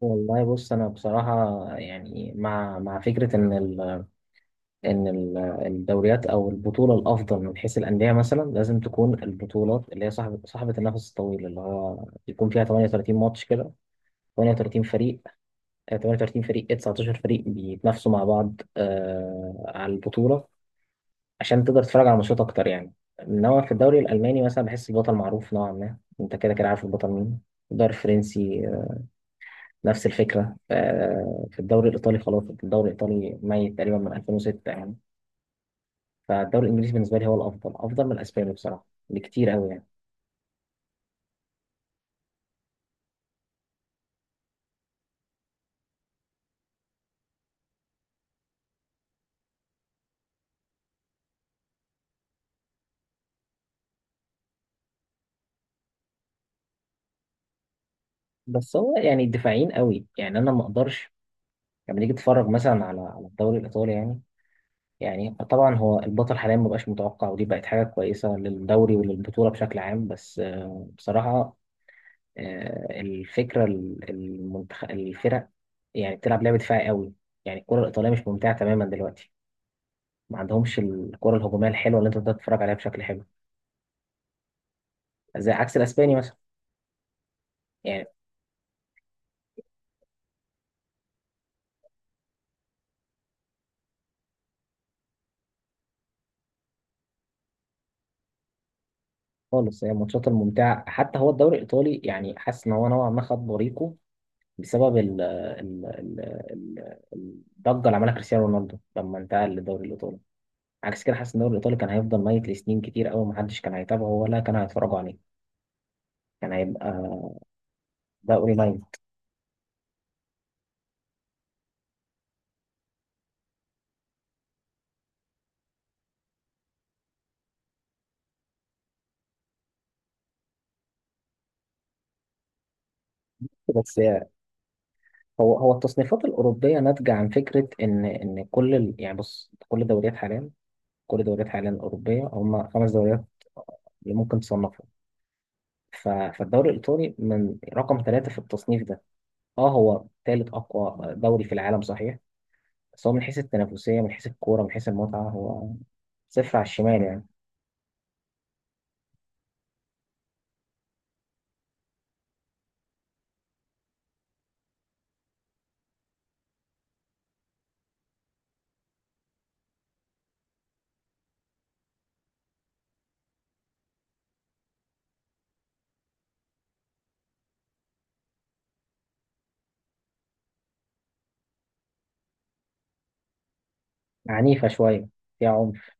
والله بص، انا بصراحه يعني مع فكره ان الدوريات او البطوله الافضل من حيث الانديه مثلا لازم تكون البطولات اللي هي صاحبه النفس الطويل، اللي هو يكون فيها 38 ماتش كده، 38 فريق، 38 فريق، 19 فريق بيتنافسوا مع بعض على البطوله، عشان تقدر تتفرج على ماتشات اكتر يعني. انما في الدوري الالماني مثلا بحس البطل معروف نوعا ما، انت كده كده عارف البطل مين. الدوري الفرنسي نفس الفكرة. في الدوري الإيطالي خلاص، الدوري الإيطالي ميت تقريبا من 2006 يعني. فالدوري الإنجليزي بالنسبة لي هو الأفضل، أفضل من الأسباني بصراحة بكتير قوي يعني. بس هو يعني دفاعيين قوي يعني، أنا ما أقدرش لما تيجي تتفرج مثلا على الدوري الإيطالي يعني. يعني طبعا هو البطل حاليا ما بقاش متوقع، ودي بقت حاجة كويسة للدوري وللبطولة بشكل عام. بس بصراحة، الفكرة الفرق يعني بتلعب لعبة دفاعي قوي. يعني الكرة الإيطالية مش ممتعة تماما دلوقتي، ما عندهمش الكرة الهجومية الحلوة اللي انت تقدر تتفرج عليها بشكل حلو، زي عكس الاسباني مثلا يعني. خالص، هي الماتشات الممتعة حتى هو الدوري الايطالي يعني، حاسس ان هو نوعا ما خد بريقه بسبب ال الضجة اللي عملها كريستيانو رونالدو لما انتقل للدوري الايطالي. عكس كده حاسس ان الدوري الايطالي كان هيفضل ميت لسنين كتير قوي، محدش كان هيتابعه ولا كان هيتفرجوا عليه، كان هيبقى دوري ميت. بس هو التصنيفات الاوروبيه ناتجه عن فكره ان يعني بص، كل الدوريات حاليا، الأوروبية هم خمس دوريات اللي ممكن تصنفهم. فالدوري الإيطالي من رقم ثلاثة في التصنيف ده. اه هو ثالث أقوى دوري في العالم صحيح، بس هو من حيث التنافسية من حيث الكورة من حيث المتعة هو صفر على الشمال يعني. عنيفة شوية. فيها عنف.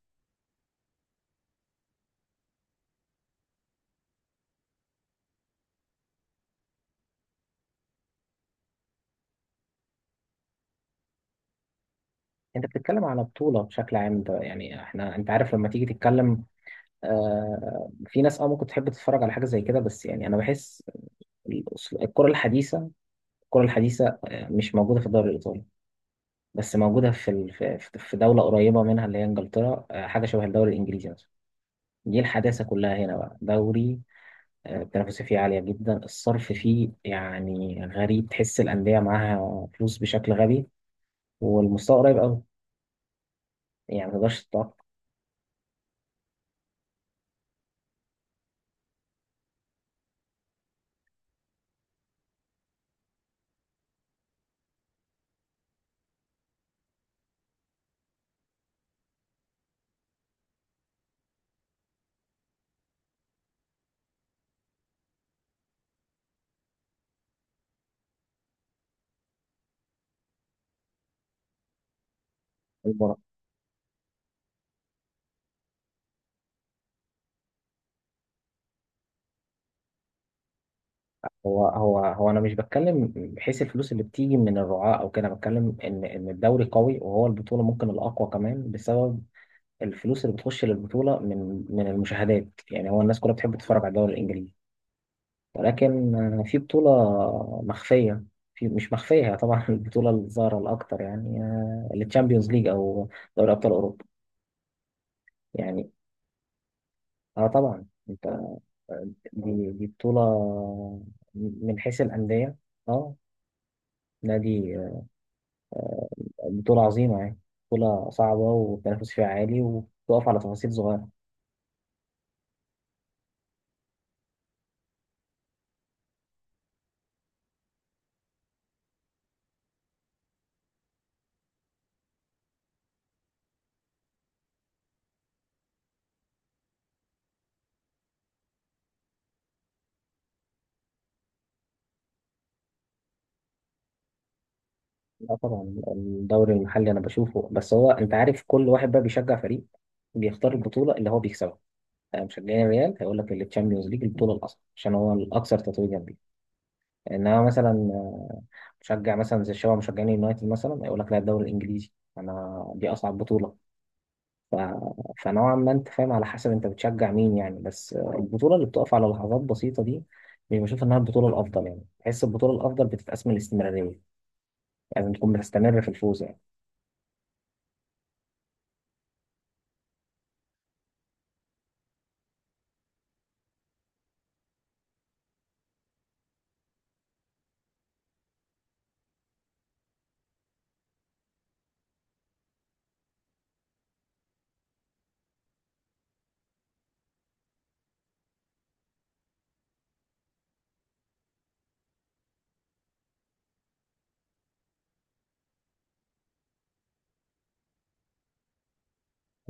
انت بتتكلم على بطولة بشكل عام ده، يعني احنا انت عارف لما تيجي تتكلم، في ناس ممكن تحب تتفرج على حاجة زي كده، بس يعني انا بحس الأسل- الكرة الحديثة الكرة الحديثة، مش موجودة في الدوري الإيطالي. بس موجودة في في دولة قريبة منها اللي هي إنجلترا، حاجة شبه الدوري الإنجليزي مثلا، دي الحداثة كلها هنا بقى دوري. التنافسية فيه عالية جدا، الصرف فيه يعني غريب، تحس الأندية معاها فلوس بشكل غبي، والمستوى قريب أوي، يعني متقدرش تتوقع. إيه المرا- هو هو أنا مش بتكلم بحيث الفلوس اللي بتيجي من الرعاة أو كده، أنا بتكلم إن الدوري قوي، وهو البطولة ممكن الأقوى كمان بسبب الفلوس اللي بتخش للبطولة من المشاهدات يعني، هو الناس كلها بتحب تتفرج على الدوري الإنجليزي. ولكن في بطولة مخفية، في مش مخفية، هي طبعا البطولة الظاهرة الأكتر يعني، التشامبيونز ليج أو دوري أبطال أوروبا يعني. اه طبعا انت، دي بطولة من حيث الأندية، اه نادي، بطولة عظيمة يعني، بطولة صعبة والتنافس فيها عالي وبتقف على تفاصيل صغيرة. لا طبعا الدوري المحلي أنا بشوفه، بس هو أنت عارف، كل واحد بقى بيشجع فريق بيختار البطولة اللي هو بيكسبها. مشجعين الريال هيقول لك التشامبيونز ليج البطوله الاصل عشان هو الاكثر تتويجا بيه. انما مثلا مشجع مثلا زي الشباب مشجعين اليونايتد مثلا هيقول لك لا، الدوري الانجليزي انا دي اصعب بطوله. ف... فنوعا ما انت فاهم على حسب انت بتشجع مين يعني، بس البطوله اللي بتقف على لحظات بسيطه دي مش بشوف انها البطوله الافضل يعني، بحس البطوله الافضل بتتقاس من الاستمراريه، لازم يعني تكون بتستمر في الفوز يعني.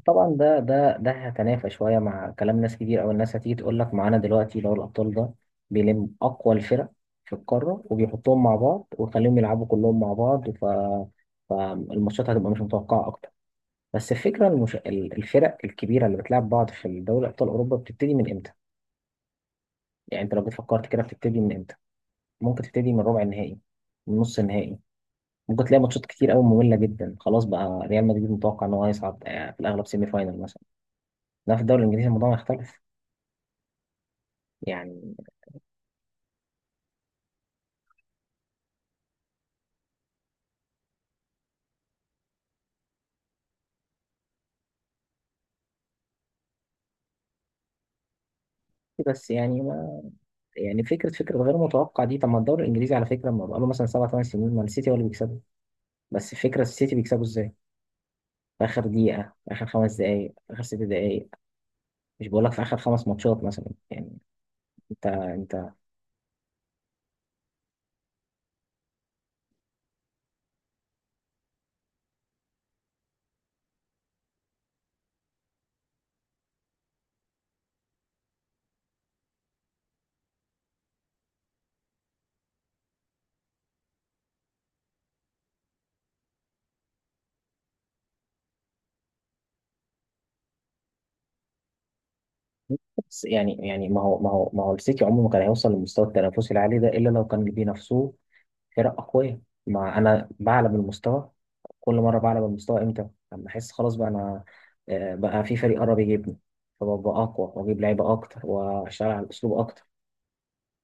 طبعا ده هتنافى شويه مع كلام ناس كتير، او الناس هتيجي تقول لك معانا دلوقتي دوري الابطال ده بيلم اقوى الفرق في القاره وبيحطهم مع بعض ويخليهم يلعبوا كلهم مع بعض، فالماتشات هتبقى مش متوقعه اكتر. بس الفكره الفرق الكبيره اللي بتلعب بعض في دوري ابطال اوروبا بتبتدي من امتى؟ يعني انت لو جيت فكرت كده بتبتدي من امتى؟ ممكن تبتدي من ربع النهائي، من نص النهائي، ممكن تلاقي ماتشات كتير قوي ممله جدا، خلاص بقى ريال مدريد متوقع ان هو هيصعد في الاغلب سيمي فاينل مثلا. لا في الدوري الانجليزي الموضوع مختلف يعني. بس يعني ما يعني فكره غير متوقع دي، طب ما الدوري الانجليزي على فكره، ما بقاله مثلا سبع ثمان سنين ما السيتي هو اللي بيكسبه. بس فكره السيتي بيكسبه ازاي؟ في اخر دقيقه، في اخر خمس دقائق، في اخر ست دقائق، مش بقول لك في اخر خمس ماتشات مثلا يعني. انت. بس يعني ما هو السيتي عمره ما كان هيوصل للمستوى التنافسي العالي ده الا لو كان بينافسوه فرق أقوياء. مع أنا بعلى من المستوى، كل مرة بعلى من المستوى إمتى؟ لما أحس خلاص بقى أنا بقى في فريق قرب يجيبني، فببقى أقوى وأجيب لعيبة أكتر وأشتغل على الأسلوب أكتر،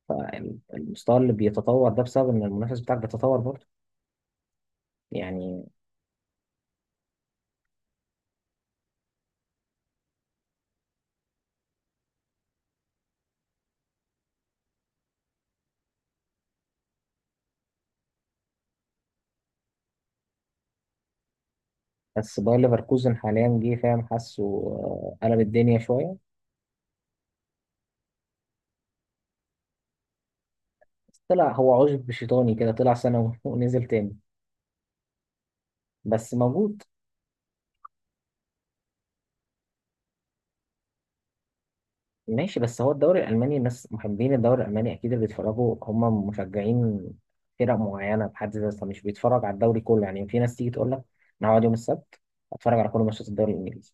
فالمستوى اللي بيتطور ده بسبب إن المنافس بتاعك بيتطور برضه يعني. بس باير ليفركوزن حاليا جه فاهم حاسه قلب الدنيا شوية. بس طلع هو عشب شيطاني كده، طلع سنة ونزل تاني، بس موجود. ماشي، بس هو الدوري الألماني، الناس محبين الدوري الألماني، أكيد اللي بيتفرجوا هم مشجعين فرق معينة بحد ذاتها مش بيتفرج على الدوري كله يعني. في ناس تيجي تقول لك أنا هقعد يوم السبت أتفرج على كل ماتشات الدوري الإنجليزي،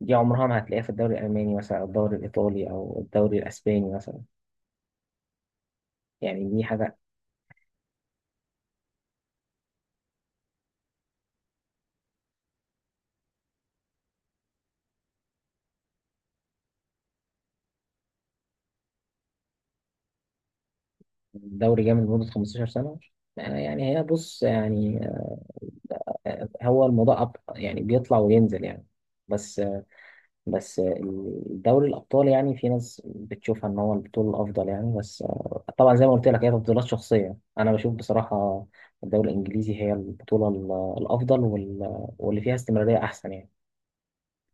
دي عمرها ما هتلاقيها في الدوري الألماني مثلا، أو الدوري الإيطالي، أو الدوري الأسباني مثلا يعني، دي حاجة. دوري جامد لمدة 15 سنة، يعني هي بص يعني، هو الموضوع أب يعني، بيطلع وينزل يعني. بس بس دوري الأبطال يعني في ناس بتشوفها إن هو البطولة الأفضل يعني، بس طبعا زي ما قلت لك هي تفضيلات شخصية، أنا بشوف بصراحة الدوري الإنجليزي هي البطولة الأفضل واللي فيها استمرارية أحسن يعني.